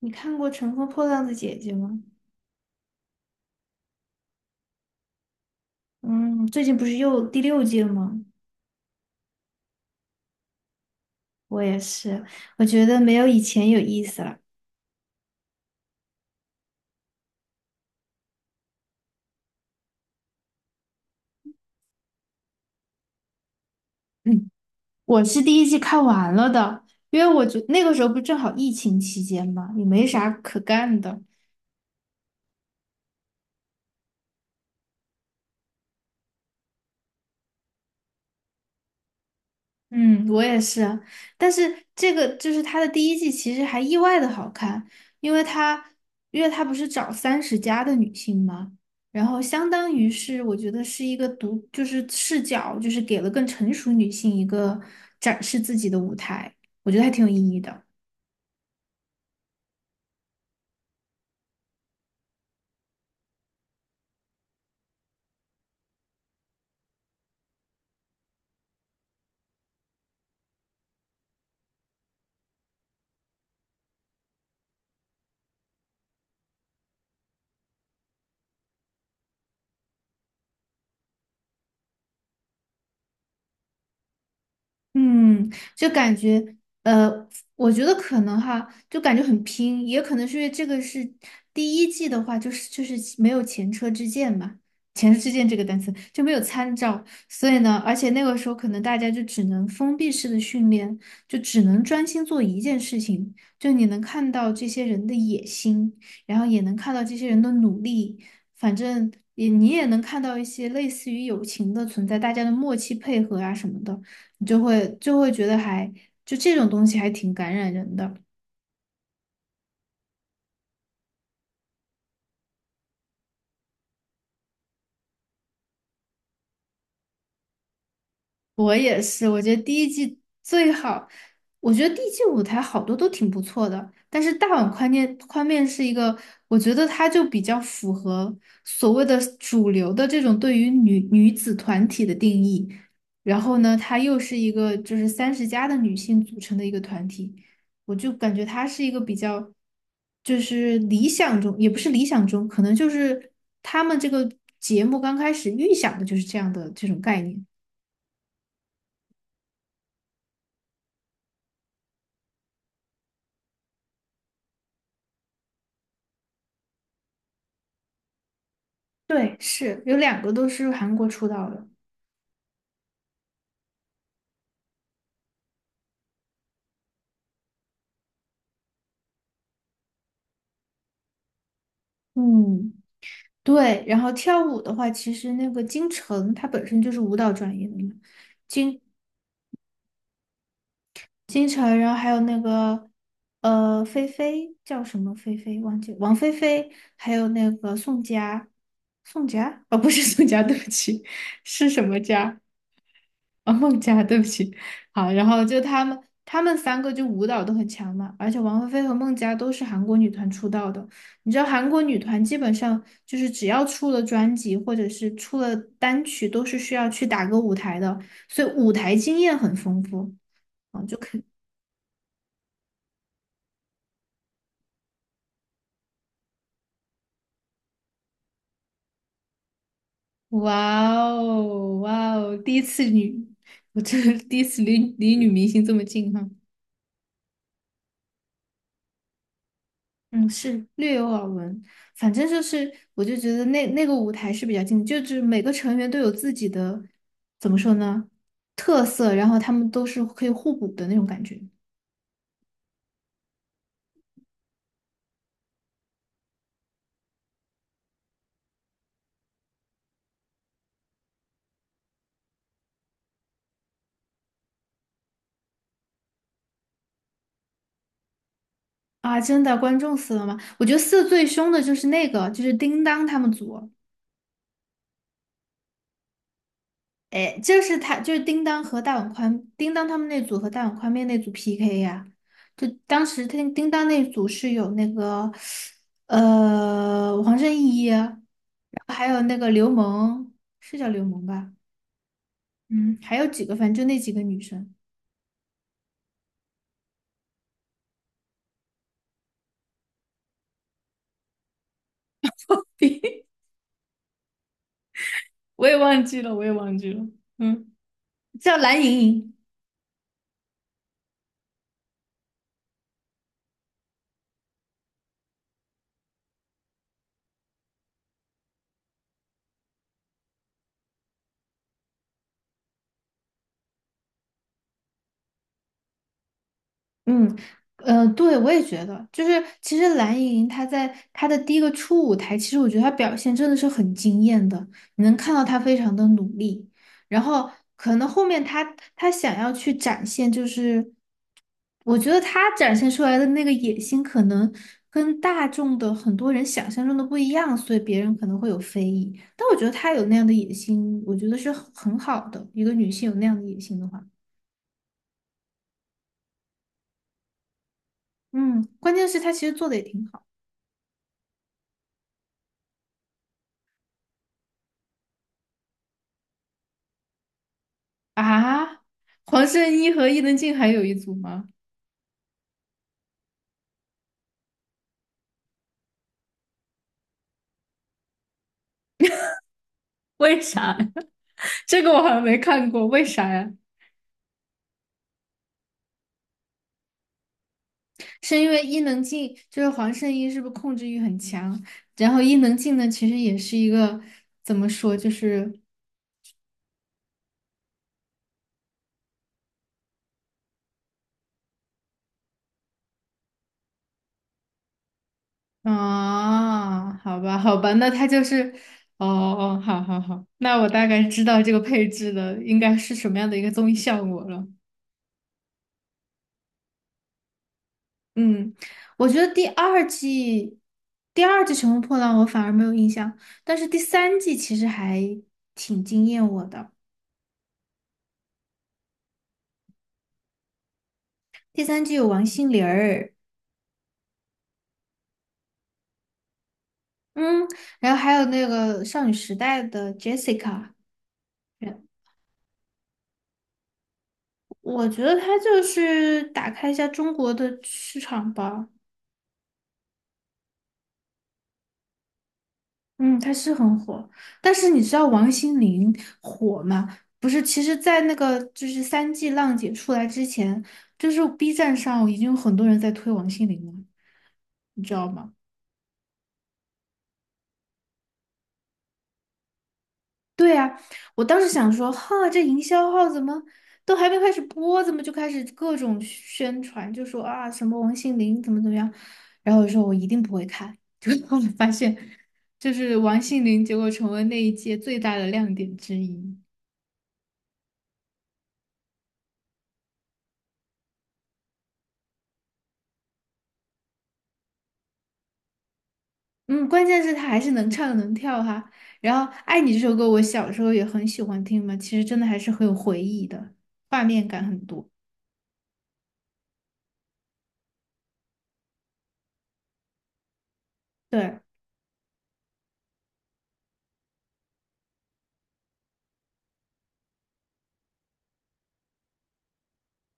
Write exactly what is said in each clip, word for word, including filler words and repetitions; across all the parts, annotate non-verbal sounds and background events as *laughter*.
你看过《乘风破浪的姐姐》吗？嗯，最近不是又第六季了吗？我也是，我觉得没有以前有意思了。嗯，我是第一季看完了的，因为我觉那个时候不正好疫情期间嘛，也没啥可干的。嗯，我也是，但是这个就是它的第一季，其实还意外的好看，因为它，因为它不是找三十加的女性嘛，然后相当于是我觉得是一个独，就是视角，就是给了更成熟女性一个展示自己的舞台，我觉得还挺有意义的。嗯，就感觉，呃，我觉得可能哈，就感觉很拼，也可能是因为这个是第一季的话，就是就是没有前车之鉴嘛，前车之鉴这个单词就没有参照，所以呢，而且那个时候可能大家就只能封闭式的训练，就只能专心做一件事情，就你能看到这些人的野心，然后也能看到这些人的努力，反正也你也能看到一些类似于友情的存在，大家的默契配合啊什么的。你就会就会觉得还就这种东西还挺感染人的。我也是，我觉得第一季最好，我觉得第一季舞台好多都挺不错的，但是大碗宽面宽面是一个，我觉得它就比较符合所谓的主流的这种对于女女子团体的定义，然后呢，它又是一个就是三十加的女性组成的一个团体，我就感觉它是一个比较，就是理想中，也不是理想中，可能就是他们这个节目刚开始预想的就是这样的这种概念。对，是有两个都是韩国出道的。嗯，对，然后跳舞的话，其实那个金晨她本身就是舞蹈专业的嘛，金金晨，然后还有那个呃菲菲叫什么菲菲忘记了王菲菲，还有那个宋佳，宋佳哦不是宋佳，对不起，是什么佳？啊，孟佳，对不起，好，然后就他们，他们三个就舞蹈都很强嘛，而且王菲菲和孟佳都是韩国女团出道的。你知道韩国女团基本上就是只要出了专辑或者是出了单曲，都是需要去打歌舞台的，所以舞台经验很丰富啊，就可以哇哦，哇哦，第一次女，我这第一次离离女明星这么近哈。嗯，是略有耳闻，反正就是，我就觉得那那个舞台是比较近的，就是每个成员都有自己的，怎么说呢，特色，然后他们都是可以互补的那种感觉啊！真的，观众死了吗？我觉得死得最凶的就是那个，就是叮当他们组，哎，就是他，就是叮当和大碗宽，叮当他们那组和大碗宽面那组 P K 呀、就当时叮叮当那组是有那个，呃，黄圣依。还有那个刘萌，是叫刘萌吧？嗯，还有几个，反正就那几个女生，*laughs* 我也忘记了，我也忘记了。嗯，叫蓝莹莹。嗯，呃，对，我也觉得，就是其实蓝盈莹她在她的第一个初舞台，其实我觉得她表现真的是很惊艳的，你能看到她非常的努力，然后可能后面她她想要去展现，就是我觉得她展现出来的那个野心，可能跟大众的很多人想象中的不一样，所以别人可能会有非议，但我觉得她有那样的野心，我觉得是很好的，一个女性有那样的野心的话，嗯，关键是她其实做的也挺好。啊，黄圣依和伊能静还有一组吗？*laughs* 为啥呀 *laughs* 这个我好像没看过，为啥呀？是因为伊能静就是黄圣依，是不是控制欲很强？然后伊能静呢，其实也是一个怎么说，就是啊，好吧，好吧，那他就是哦哦，好好好，那我大概知道这个配置的应该是什么样的一个综艺效果了。嗯，我觉得第二季，第二季《乘风破浪》我反而没有印象，但是第三季其实还挺惊艳我的。第三季有王心凌儿，嗯，然后还有那个少女时代的 Jessica，然我觉得她就是打开一下中国的市场吧。嗯，他是很火，但是你知道王心凌火吗？不是，其实，在那个就是三 G 浪姐出来之前，就是 B 站上已经有很多人在推王心凌了，你知道吗？对呀，我当时想说，哈，这营销号怎么都还没开始播，怎么就开始各种宣传，就说啊什么王心凌怎么怎么样，然后我说我一定不会看，*laughs* 结果我发现，就是王心凌，结果成为那一届最大的亮点之一。嗯，关键是他还是能唱能跳哈。然后《爱你》这首歌，我小时候也很喜欢听嘛，其实真的还是很有回忆的，画面感很多。对，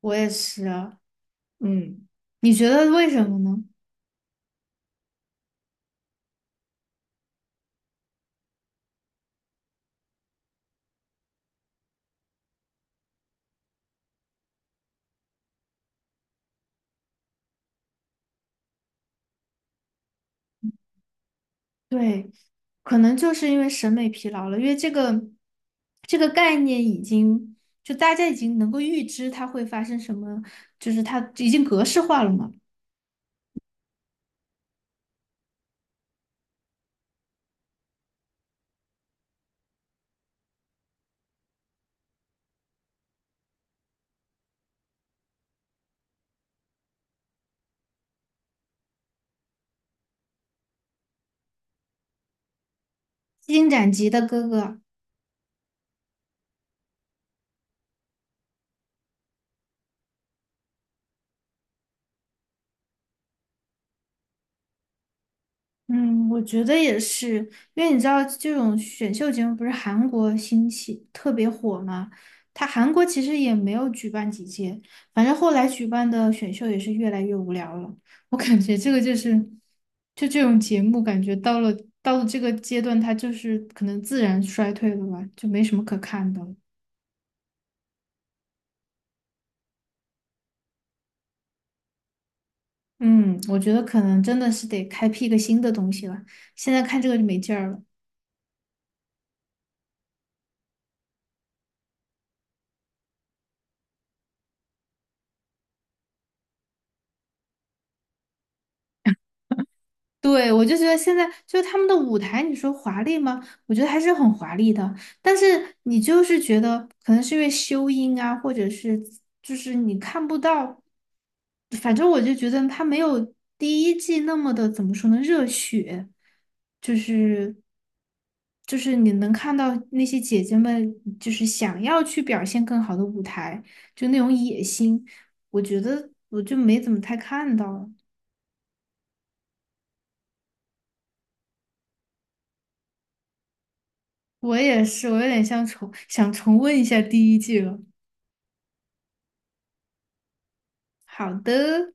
我也是啊。嗯，你觉得为什么呢？对，可能就是因为审美疲劳了，因为这个这个概念已经就大家已经能够预知它会发生什么，就是它已经格式化了嘛。《金荆斩的哥哥》嗯，我觉得也是，因为你知道这种选秀节目不是韩国兴起特别火嘛，它韩国其实也没有举办几届，反正后来举办的选秀也是越来越无聊了。我感觉这个就是，就这种节目，感觉到了到了这个阶段，它就是可能自然衰退了吧，就没什么可看的了。嗯，我觉得可能真的是得开辟一个新的东西了，现在看这个就没劲儿了。对，我就觉得现在就是他们的舞台，你说华丽吗？我觉得还是很华丽的，但是你就是觉得可能是因为修音啊，或者是就是你看不到，反正我就觉得他没有第一季那么的怎么说呢，热血，就是就是你能看到那些姐姐们就是想要去表现更好的舞台，就那种野心，我觉得我就没怎么太看到。我也是，我有点像重想重温一下第一季了。好的。